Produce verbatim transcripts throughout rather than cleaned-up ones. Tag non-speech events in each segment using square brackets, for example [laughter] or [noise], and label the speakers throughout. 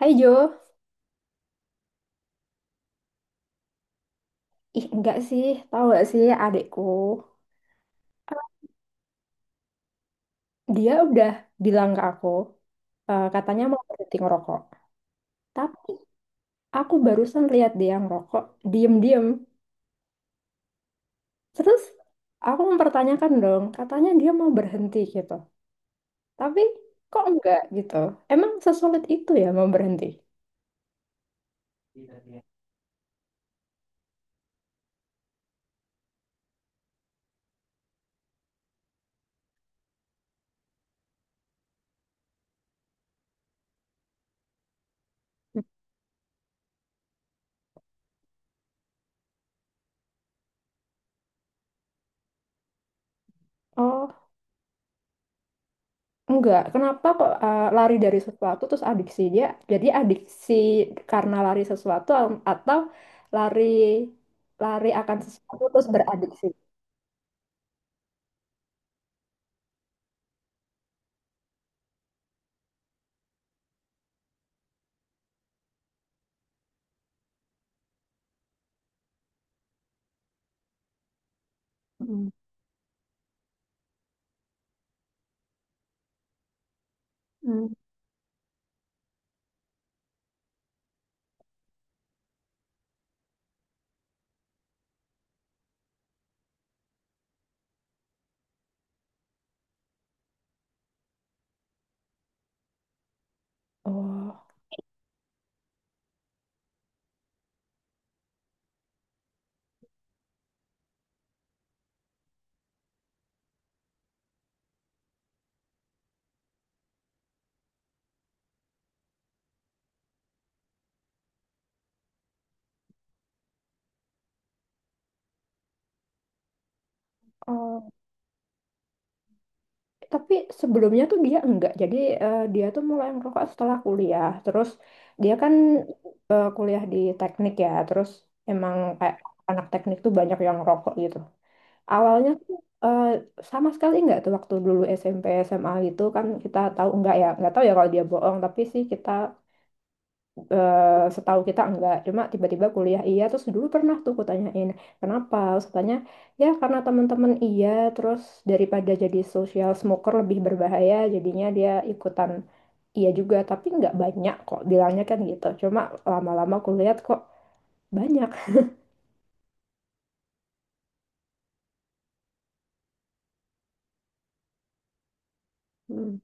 Speaker 1: Hai Jo, ih enggak sih, tahu gak sih adikku, dia udah bilang ke aku, eh, katanya mau berhenti ngerokok. Tapi aku barusan lihat dia ngerokok, diem-diem. Terus aku mempertanyakan dong, katanya dia mau berhenti gitu. Tapi kok enggak gitu? Emang sesulit itu ya mau berhenti? Oh. Enggak, kenapa kok eh, lari dari sesuatu terus adiksi dia? Jadi adiksi karena lari sesuatu al- atau lari lari akan sesuatu terus beradiksi. Mm. Mm. Oh, oh. Tapi sebelumnya tuh dia enggak. Jadi eh, dia tuh mulai merokok setelah kuliah. Terus dia kan eh, kuliah di teknik ya. Terus emang kayak anak teknik tuh banyak yang rokok gitu. Awalnya tuh, eh, sama sekali nggak tuh waktu dulu S M P S M A itu kan kita tahu enggak ya nggak tahu ya kalau dia bohong tapi sih kita eh, setahu kita enggak cuma tiba-tiba kuliah iya terus dulu pernah tuh kutanyain kenapa terus katanya ya karena teman-teman iya terus daripada jadi social smoker lebih berbahaya jadinya dia ikutan iya juga tapi nggak banyak kok bilangnya kan gitu cuma lama-lama kulihat kok banyak. Hmm.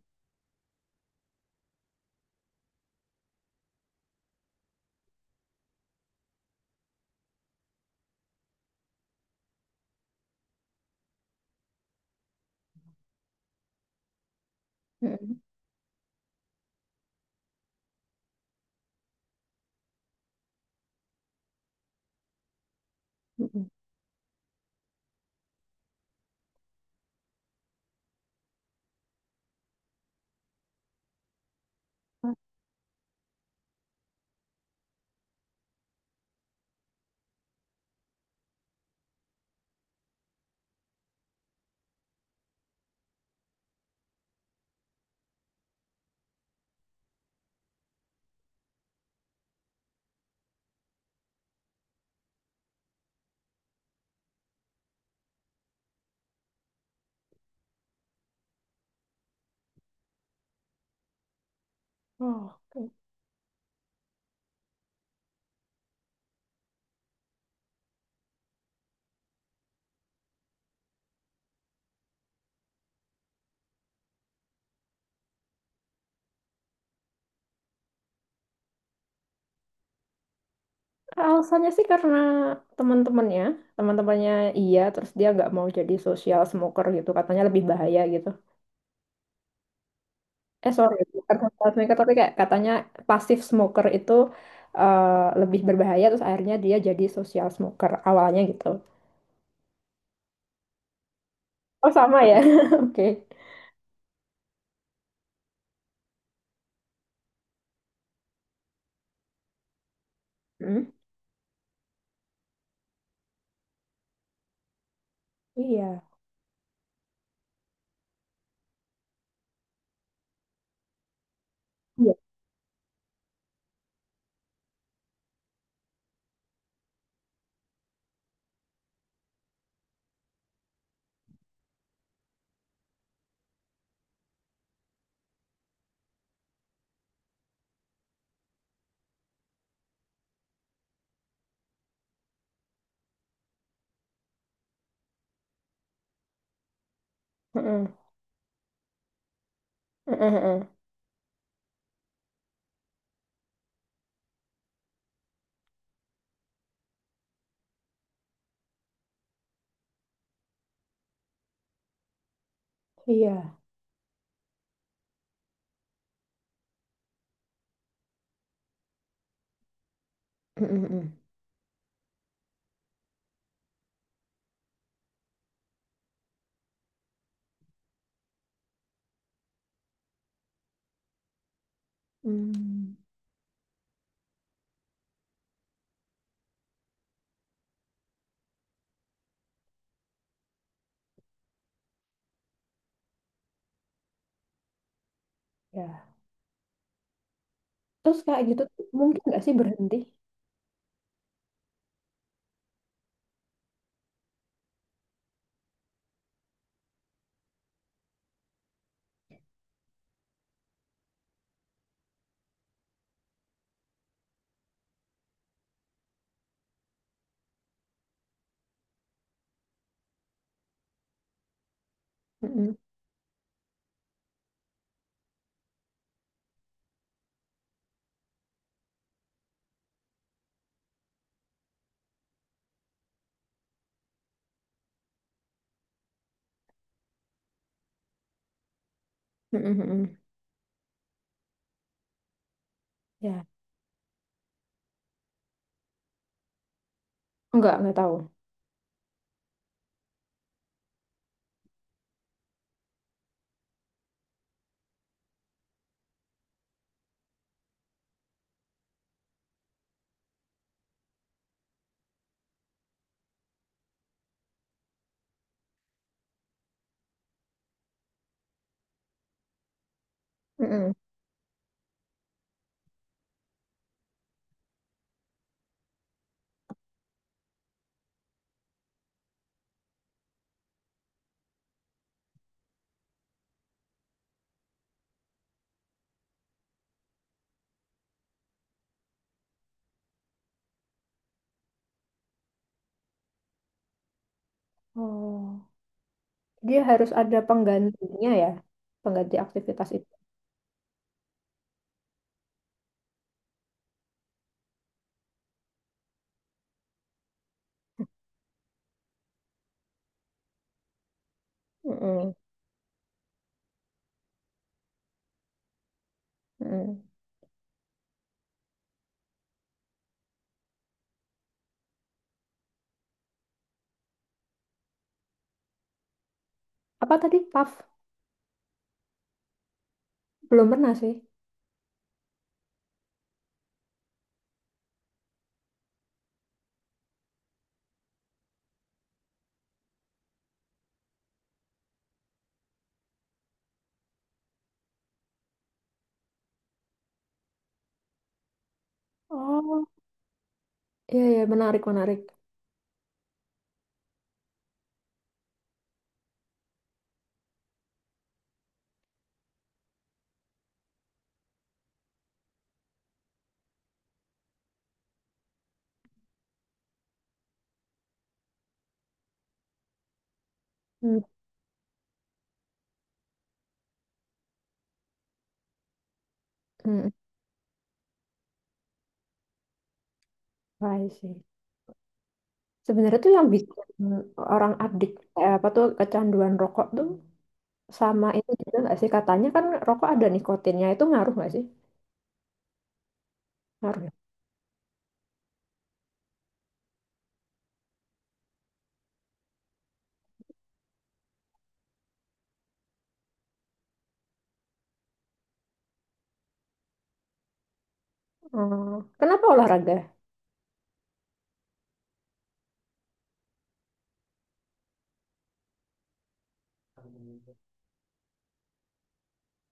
Speaker 1: Mm. Mm-mm. Oh, oke. Alasannya sih karena teman-temannya, teman-temannya iya, terus dia nggak mau jadi social smoker gitu, katanya lebih bahaya gitu. Eh sorry, bukan social smoker tapi kayak katanya pasif smoker itu, eh, lebih berbahaya, terus akhirnya dia jadi social smoker awalnya gitu. Oh sama ya, [laughs] oke. Hmm. Iya. Iya. Mm-mm. Mm-mm, mm-mm. Iya. Mm-mm, mm-mm. Hmm. Ya. Terus kayak gitu tuh mungkin nggak sih berhenti? Mm-mm. Mm-mm, mm-mm. Ya. Nggak, nggak tahu. Mm-mm. Oh, dia harus ada penggantinya ya, pengganti aktivitas itu. Mm-mm, mm-mm. Apa tadi? P A F? Belum pernah sih. Oh, iya iya, menarik, menarik. Hmm, hmm, I see. Sebenarnya tuh yang bikin orang adik eh, apa tuh, kecanduan rokok tuh sama ini juga nggak sih? Katanya kan rokok ada nikotinnya, itu ngaruh nggak sih? Ngaruh, ya? Oh, kenapa olahraga?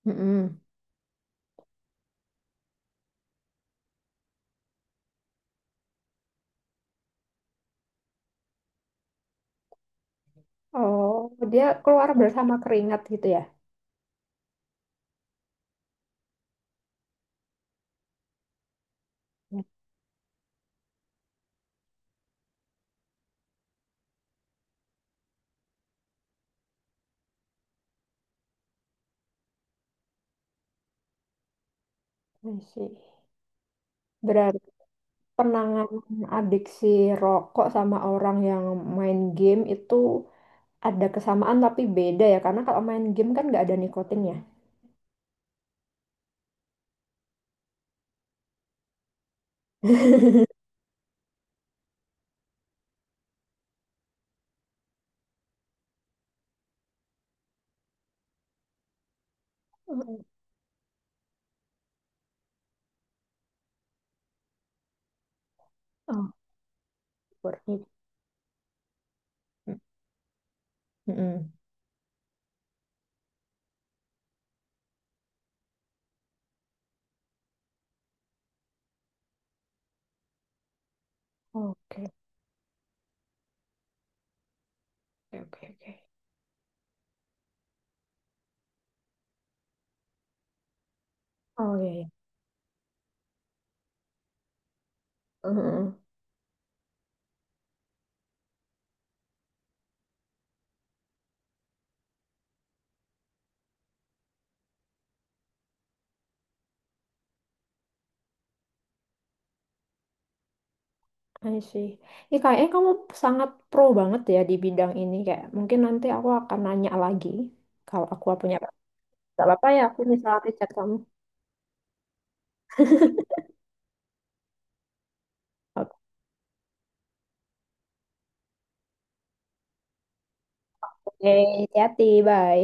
Speaker 1: Mm-mm. Oh, dia keluar bersama keringat gitu ya? Ya, I see. Penanganan adiksi rokok sama orang yang main game itu ada kesamaan tapi beda ya, karena kalau main game kan nggak ada nikotinnya. Mm. Oh, berarti. Mm. Mm. Oke, oke, oke. Oke. Oh iya. Iya. Mm-mm. I see. Ini kayaknya kamu sangat pro banget ya di bidang ini, kayak mungkin nanti aku akan nanya lagi kalau aku punya, nggak apa-apa ya aku misalnya chat kamu. Oke, hati-hati, bye.